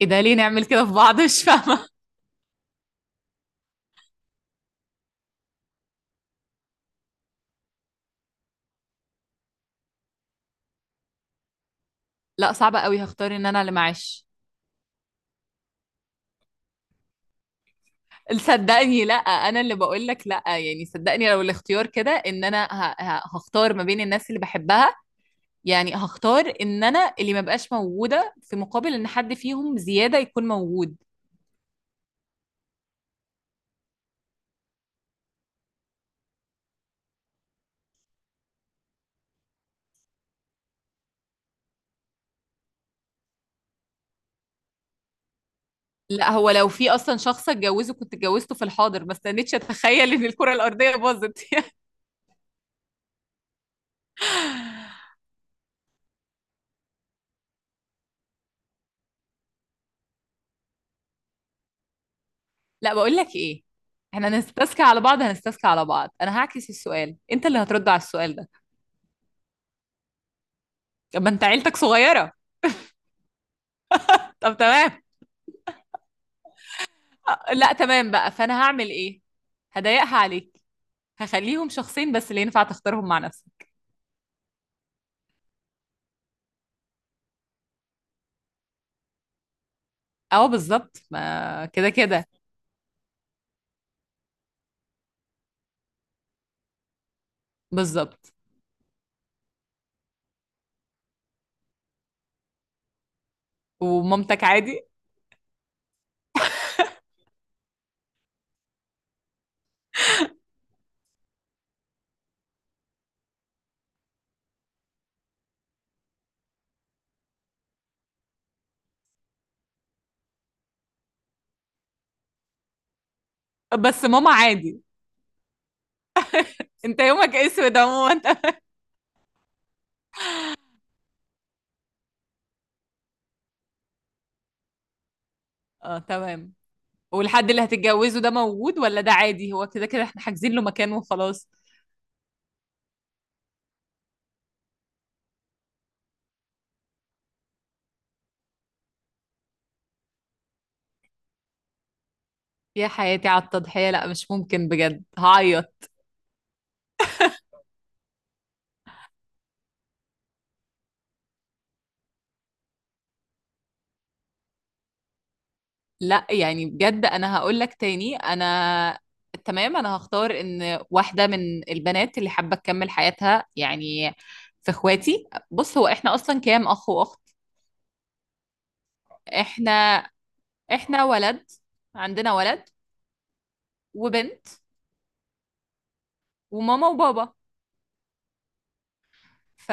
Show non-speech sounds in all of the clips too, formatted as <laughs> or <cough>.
ايه ده؟ ليه نعمل كده في بعض؟ <laughs> مش فاهمة. لا، صعبة قوي، هختار ان انا اللي معاش. صدقني لا، انا اللي بقول لك لا، يعني صدقني لو الاختيار كده ان انا هختار ما بين الناس اللي بحبها. يعني هختار ان انا اللي ما بقاش موجودة في مقابل ان حد فيهم زيادة يكون موجود. لا، هو لو في اصلا شخص اتجوزه كنت اتجوزته في الحاضر، ما استنيتش اتخيل ان الكرة الارضية باظت. <laughs> لا، بقول لك ايه. احنا هنستسكى على بعض، هنستسكى على بعض. انا هعكس السؤال، انت اللي هترد على السؤال ده. طب ما انت عيلتك صغيرة؟ طب تمام. آه، لا تمام بقى، فانا هعمل ايه؟ هضايقها عليك. هخليهم شخصين بس اللي ينفع تختارهم مع نفسك. اه بالظبط، ما كده كده. بالظبط. ومامتك عادي؟ بس ماما عادي؟ انت يومك اسود عموما. <laughs> اه تمام. والحد اللي هتتجوزه ده موجود ولا ده عادي؟ هو كده كده احنا حاجزين له مكان وخلاص. يا حياتي على التضحية! لا مش ممكن، بجد هعيط. لا يعني بجد انا هقول لك تاني، انا... تمام، انا هختار ان واحده من البنات اللي حابه تكمل حياتها يعني. في اخواتي. بص هو احنا اصلا كام اخ واخت؟ احنا... احنا ولد. عندنا ولد. وبنت. وماما وبابا. ف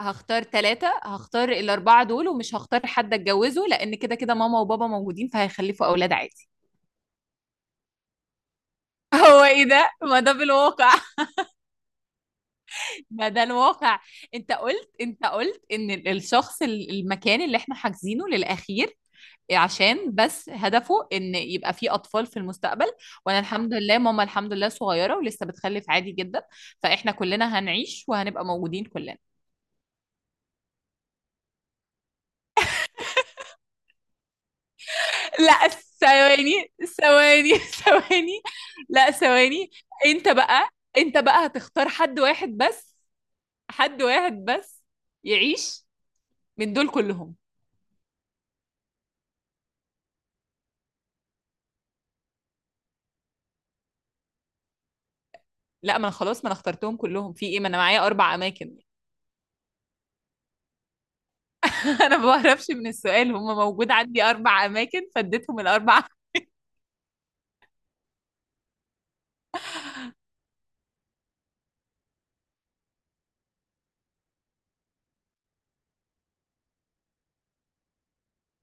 هختار الأربعة دول، ومش هختار حد أتجوزه، لأن كده كده ماما وبابا موجودين فهيخلفوا أولاد عادي. <laughs> هو إيه ده؟ ما ده بالواقع. ما ده الواقع. انت قلت ان المكان اللي احنا حاجزينه للاخير عشان بس هدفه ان يبقى فيه اطفال في المستقبل. وانا الحمد لله، ماما الحمد لله صغيره ولسه بتخلف عادي جدا، فاحنا كلنا هنعيش وهنبقى موجودين كلنا. لا ثواني، ثواني. <laughs> ثواني. لا، ثواني. انت بقى انت بقى هتختار حد واحد بس. حد واحد بس. يعيش. من دول كلهم. لا، ما انا خلاص، ما انا اخترتهم كلهم. في ايه؟ ما انا معايا اربع اماكن. <laughs> انا ما بعرفش، من السؤال هم موجود عندي اربع اماكن فاديتهم الاربعه.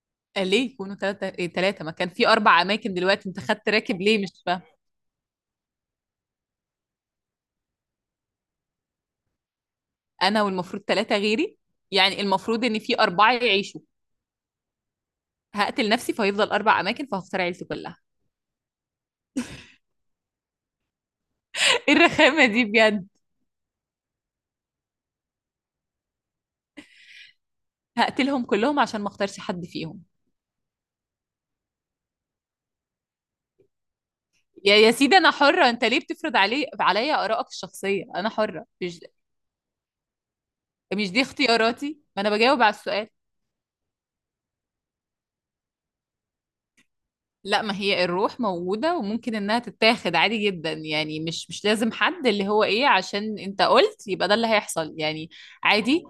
<laughs> ليه يكونوا ثلاثه؟ ايه ثلاثه؟ ما كان في اربع اماكن، دلوقتي انت خدت راكب ليه؟ مش فاهم. انا والمفروض ثلاثه غيري، يعني المفروض ان في اربعه يعيشوا. هقتل نفسي فهيفضل اربع اماكن، فهختار عيلتي كلها. <laughs> ايه الرخامه دي بجد؟ هقتلهم كلهم عشان ما اختارش حد فيهم. يا سيدي انا حره، انت ليه بتفرض عليا ارائك الشخصيه؟ انا حره، مش... مش دي اختياراتي، ما انا بجاوب على السؤال. لا، ما هي الروح موجودة وممكن انها تتاخد عادي جدا يعني، مش لازم حد اللي هو ايه عشان انت قلت يبقى ده اللي هيحصل يعني. عادي.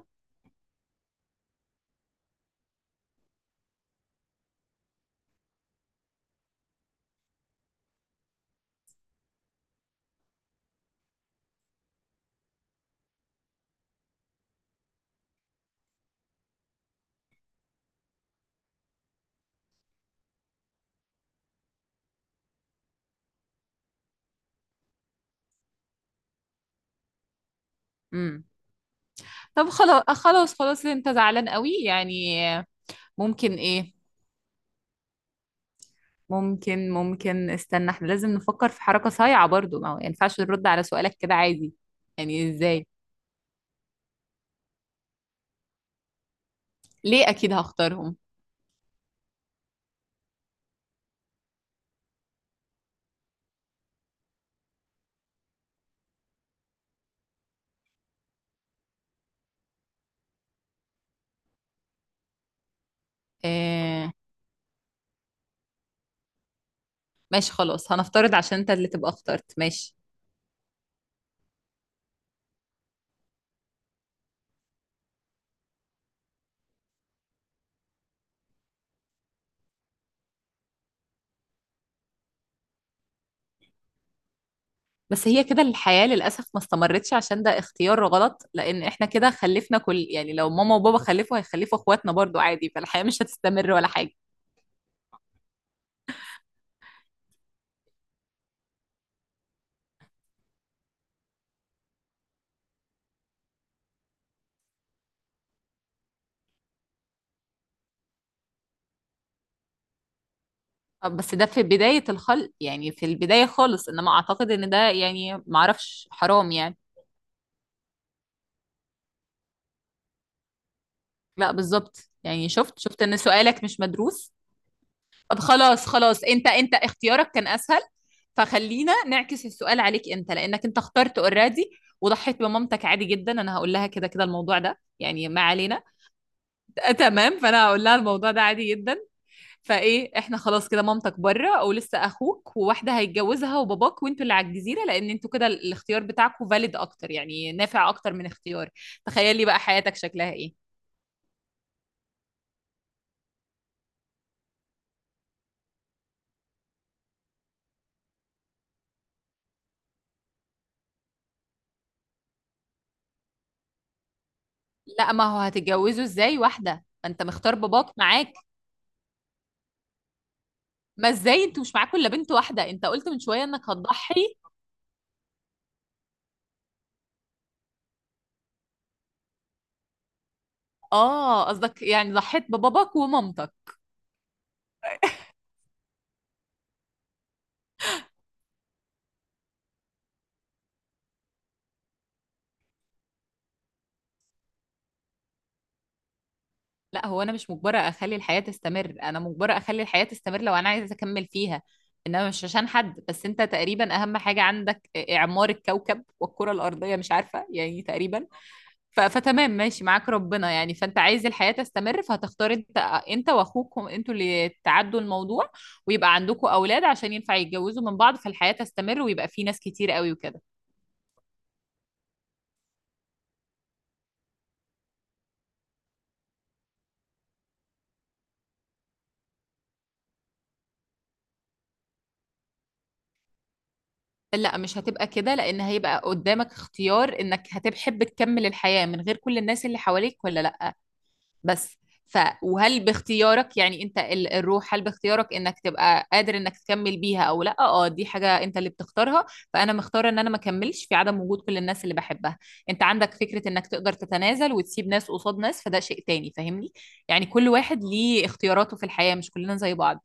امم. طب خلاص خلاص خلاص، انت زعلان قوي يعني؟ ممكن ايه؟ ممكن استنى، احنا لازم نفكر في حركة صايعة برضو، ما هو ينفعش نرد على سؤالك كده عادي. يعني ازاي؟ ليه اكيد هختارهم؟ آه ماشي خلاص، هنفترض عشان انت اللي تبقى اخترت، ماشي. بس هي كده الحياة للأسف ما استمرتش، عشان ده اختيار غلط، لأن إحنا كده خلفنا كل يعني لو ماما وبابا خلفوا هيخلفوا إخواتنا برضو عادي، فالحياة مش هتستمر ولا حاجة. بس ده في بداية الخلق، يعني في البداية خالص، إنما أعتقد إن ده يعني معرفش حرام يعني. لا بالظبط يعني، شفت إن سؤالك مش مدروس. طب خلاص خلاص، أنت اختيارك كان أسهل، فخلينا نعكس السؤال عليك أنت، لأنك أنت اخترت أوريدي وضحيت بمامتك عادي جدا. أنا هقول لها كده كده الموضوع ده، يعني ما علينا. آه، تمام، فانا هقول لها الموضوع ده عادي جدا. فايه، احنا خلاص كده، مامتك بره او لسه، اخوك وواحده هيتجوزها، وباباك وانتوا اللي على الجزيره، لان انتوا كده الاختيار بتاعكم فاليد اكتر يعني، نافع اكتر من اختيار. تخيلي بقى حياتك شكلها ايه؟ لا ما هو هتتجوزوا ازاي واحده؟ ما انت مختار باباك معاك. ما ازاي؟ انتوا مش معاكوا الا بنت واحده، انت قلت من شويه انك هتضحي. اه قصدك يعني ضحيت بباباك ومامتك؟ لا هو انا مش مجبره اخلي الحياه تستمر، انا مجبره اخلي الحياه تستمر لو انا عايزه اكمل فيها. انما مش عشان حد، بس انت تقريبا اهم حاجه عندك اعمار الكوكب والكره الارضيه، مش عارفه يعني تقريبا. فتمام ماشي معاك ربنا يعني، فانت عايز الحياه تستمر فهتختار انت. انت واخوكم انتوا اللي تعدوا الموضوع، ويبقى عندكم اولاد عشان ينفع يتجوزوا من بعض، فالحياه تستمر ويبقى في ناس كتير قوي وكده. لا مش هتبقى كده، لان هيبقى قدامك اختيار انك هتحب تكمل الحياه من غير كل الناس اللي حواليك ولا لا. بس. ف وهل باختيارك يعني انت الروح، هل باختيارك انك تبقى قادر انك تكمل بيها او لا؟ اه دي حاجة انت اللي بتختارها. فانا مختارة ان انا ما اكملش في عدم وجود كل الناس اللي بحبها. انت عندك فكرة انك تقدر تتنازل وتسيب ناس قصاد ناس، فده شيء تاني، فاهمني؟ يعني كل واحد ليه اختياراته في الحياة، مش كلنا زي بعض.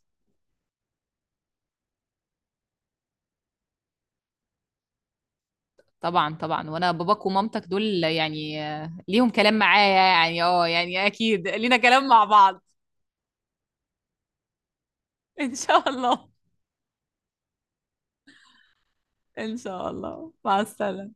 طبعا طبعا، وانا باباك ومامتك دول يعني ليهم كلام معايا يعني، اه يعني اكيد لينا كلام مع بعض. <laughs> ان شاء الله. ان شاء الله، مع السلامة.